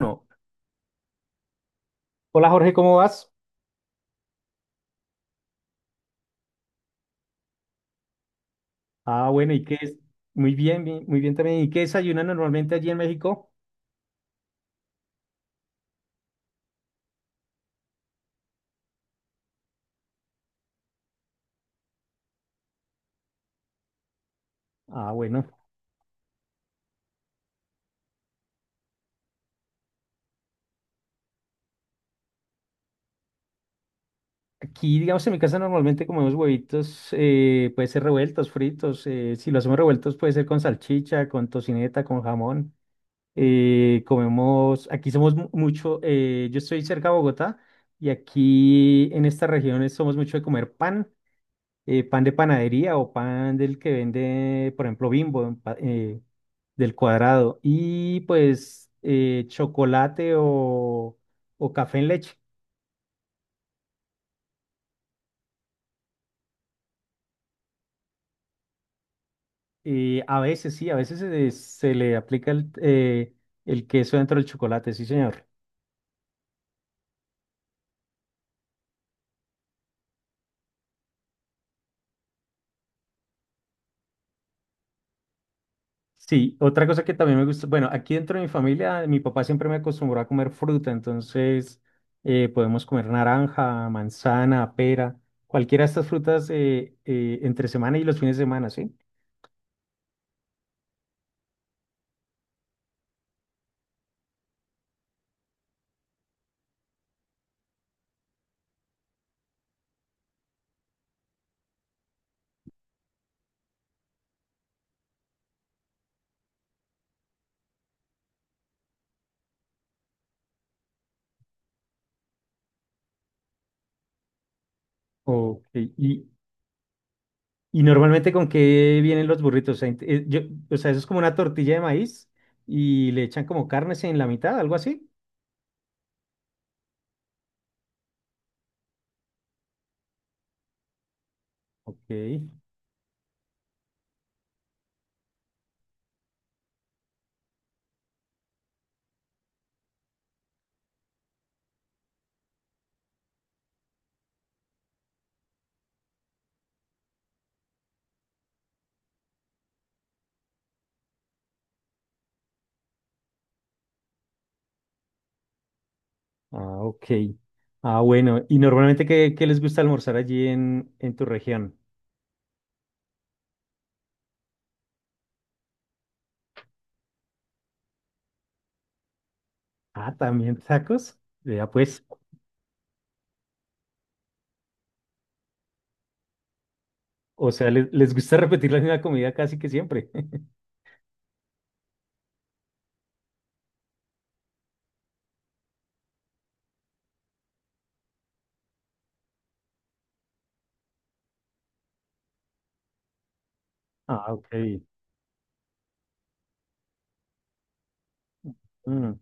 No. Hola Jorge, ¿cómo vas? Ah, bueno, ¿y qué es? Muy bien, bien, muy bien también. ¿Y qué desayunan normalmente allí en México? Ah, bueno, aquí digamos en mi casa normalmente comemos huevitos, puede ser revueltos, fritos, si lo hacemos revueltos puede ser con salchicha, con tocineta, con jamón. Comemos, aquí somos mucho, yo estoy cerca de Bogotá y aquí en estas regiones somos mucho de comer pan, pan de panadería o pan del que vende, por ejemplo, Bimbo, del cuadrado. Y pues chocolate o café en leche. A veces sí, se le aplica el queso dentro del chocolate, sí, señor. Sí, otra cosa que también me gusta, bueno, aquí dentro de mi familia, mi papá siempre me acostumbró a comer fruta, entonces podemos comer naranja, manzana, pera, cualquiera de estas frutas entre semana y los fines de semana, ¿sí? Ok. Y, ¿y normalmente con qué vienen los burritos? O sea, o sea, eso es como una tortilla de maíz y le echan como carnes en la mitad, algo así. Ok. Ah, ok. Ah, bueno. ¿Y normalmente qué les gusta almorzar allí en tu región? Ah, también tacos. Vea pues. O sea, les gusta repetir la misma comida casi que siempre. Ah, ok. Mm,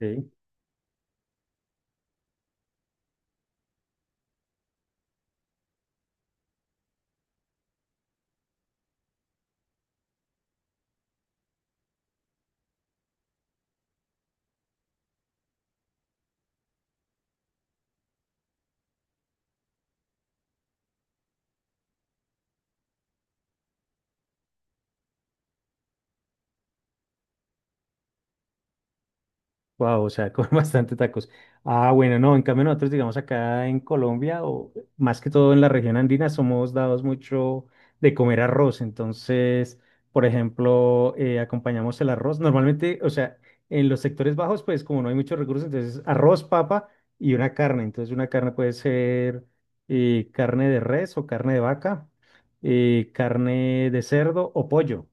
ok. Wow, o sea, con bastante tacos. Ah, bueno, no, en cambio nosotros, digamos, acá en Colombia, o más que todo en la región andina, somos dados mucho de comer arroz. Entonces, por ejemplo, acompañamos el arroz. Normalmente, o sea, en los sectores bajos, pues como no hay muchos recursos, entonces arroz, papa y una carne. Entonces, una carne puede ser carne de res o carne de vaca, carne de cerdo o pollo.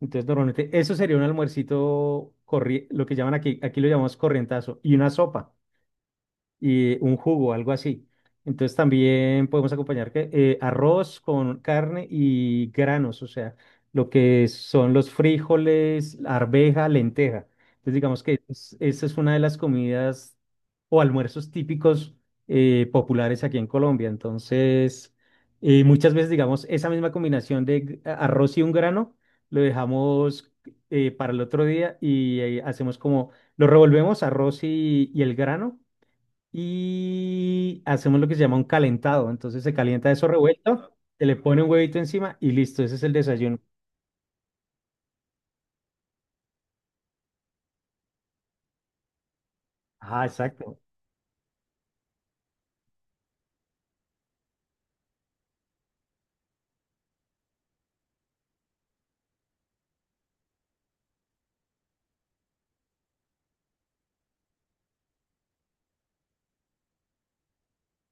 Entonces, normalmente eso sería un almuercito, lo que llaman aquí, aquí lo llamamos corrientazo, y una sopa y un jugo, algo así. Entonces también podemos acompañar que, arroz con carne y granos, o sea, lo que son los frijoles, arveja, lenteja. Entonces digamos que esa es una de las comidas o almuerzos típicos, populares aquí en Colombia. Entonces, muchas veces digamos esa misma combinación de arroz y un grano lo dejamos para el otro día y hacemos como, lo revolvemos arroz y el grano y hacemos lo que se llama un calentado. Entonces se calienta eso revuelto, se le pone un huevito encima y listo, ese es el desayuno. Ah, exacto.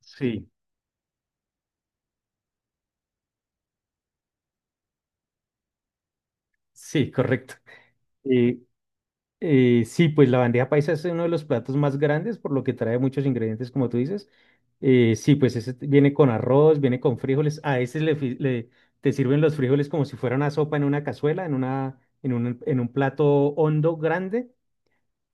Sí, sí, correcto. Eh, sí, pues la bandeja paisa es uno de los platos más grandes, por lo que trae muchos ingredientes, como tú dices. Sí, pues ese viene con arroz, viene con frijoles. A ese te sirven los frijoles como si fuera una sopa en una cazuela, en un plato hondo grande.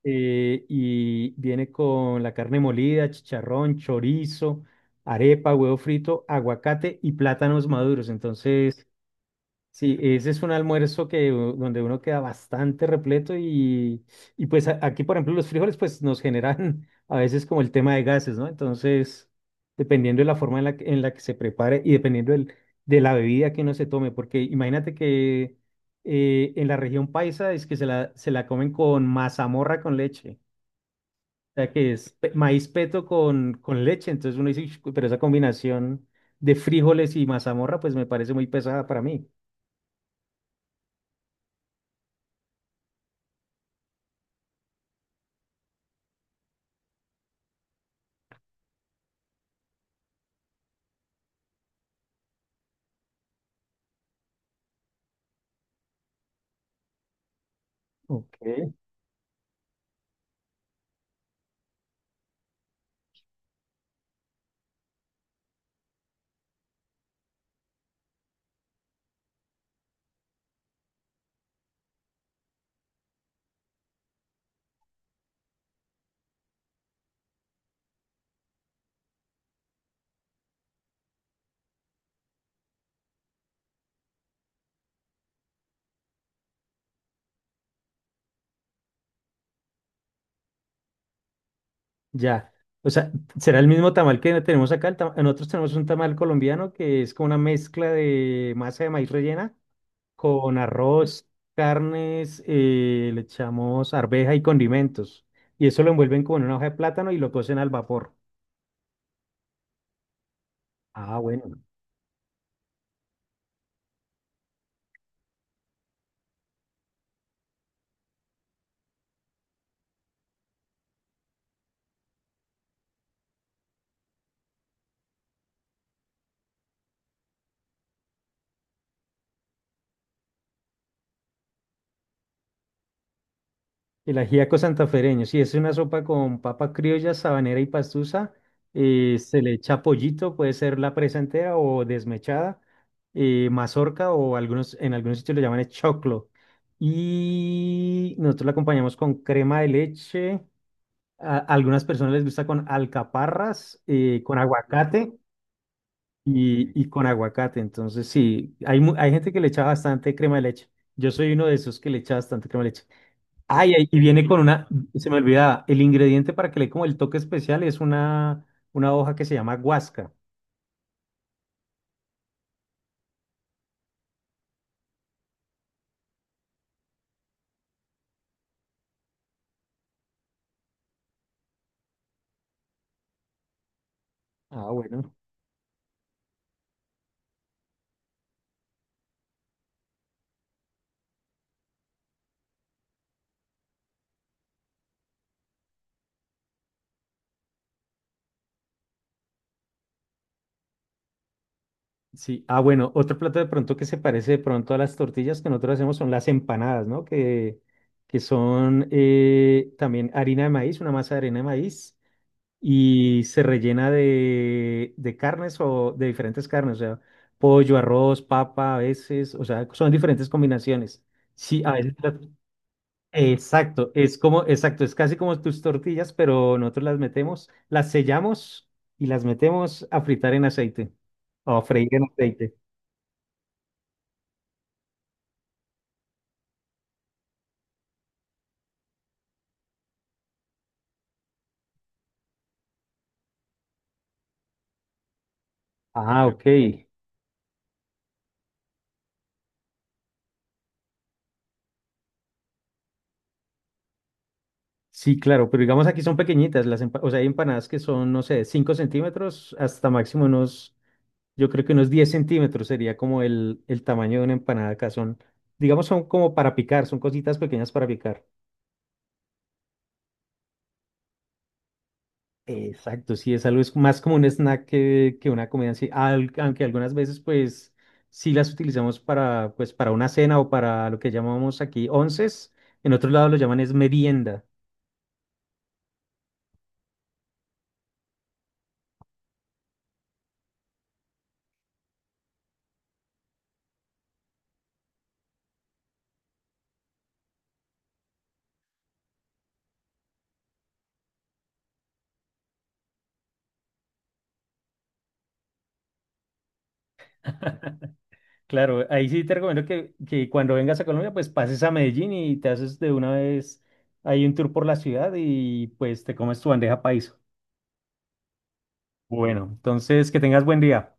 Eh, y viene con la carne molida, chicharrón, chorizo, arepa, huevo frito, aguacate y plátanos maduros. Entonces, sí, ese es un almuerzo que, donde uno queda bastante repleto y pues aquí, por ejemplo, los frijoles pues nos generan a veces como el tema de gases, ¿no? Entonces, dependiendo de la forma en la que se prepare y dependiendo de la bebida que uno se tome, porque imagínate que... en la región paisa es que se la comen con mazamorra con leche, sea, que es maíz peto con leche. Entonces uno dice, "Ush, pero esa combinación de frijoles y mazamorra, pues me parece muy pesada para mí". Ok. Ya. O sea, ¿será el mismo tamal que tenemos acá? Nosotros tenemos un tamal colombiano que es como una mezcla de masa de maíz rellena con arroz, carnes, le echamos arveja y condimentos. Y eso lo envuelven como en una hoja de plátano y lo cocen al vapor. Ah, bueno. El ajiaco santafereño, sí, es una sopa con papa criolla, sabanera y pastusa. Eh, se le echa pollito, puede ser la presa entera o desmechada, mazorca o algunos, en algunos sitios lo llaman es choclo. Y nosotros la acompañamos con crema de leche. A algunas personas les gusta con alcaparras, con aguacate y con aguacate. Entonces, sí, hay, hay gente que le echa bastante crema de leche. Yo soy uno de esos que le echa bastante crema de leche. Ay, ay, y viene con una, se me olvidaba, el ingrediente para que le dé como el toque especial es una hoja que se llama guasca. Ah, bueno. Sí, ah, bueno, otro plato de pronto que se parece de pronto a las tortillas que nosotros hacemos son las empanadas, ¿no? Que son también harina de maíz, una masa de harina de maíz, y se rellena de carnes o de diferentes carnes, o sea, pollo, arroz, papa, a veces, o sea, son diferentes combinaciones. Sí, a veces. Exacto, es como, exacto, es casi como tus tortillas, pero nosotros las metemos, las sellamos y las metemos a fritar en aceite o a freír en aceite. Ah, ok. Sí, claro, pero digamos aquí son pequeñitas, o sea, hay empanadas que son, no sé, 5 centímetros hasta máximo unos, yo creo que unos 10 centímetros sería como el tamaño de una empanada acá, son, digamos, son como para picar, son cositas pequeñas para picar. Exacto, sí, es algo, es más como un snack que una comida en sí, aunque algunas veces pues sí las utilizamos para pues para una cena o para lo que llamamos aquí onces, en otros lados lo llaman es merienda. Claro, ahí sí te recomiendo que cuando vengas a Colombia pues pases a Medellín y te haces de una vez ahí un tour por la ciudad y pues te comes tu bandeja paisa. Bueno, entonces que tengas buen día.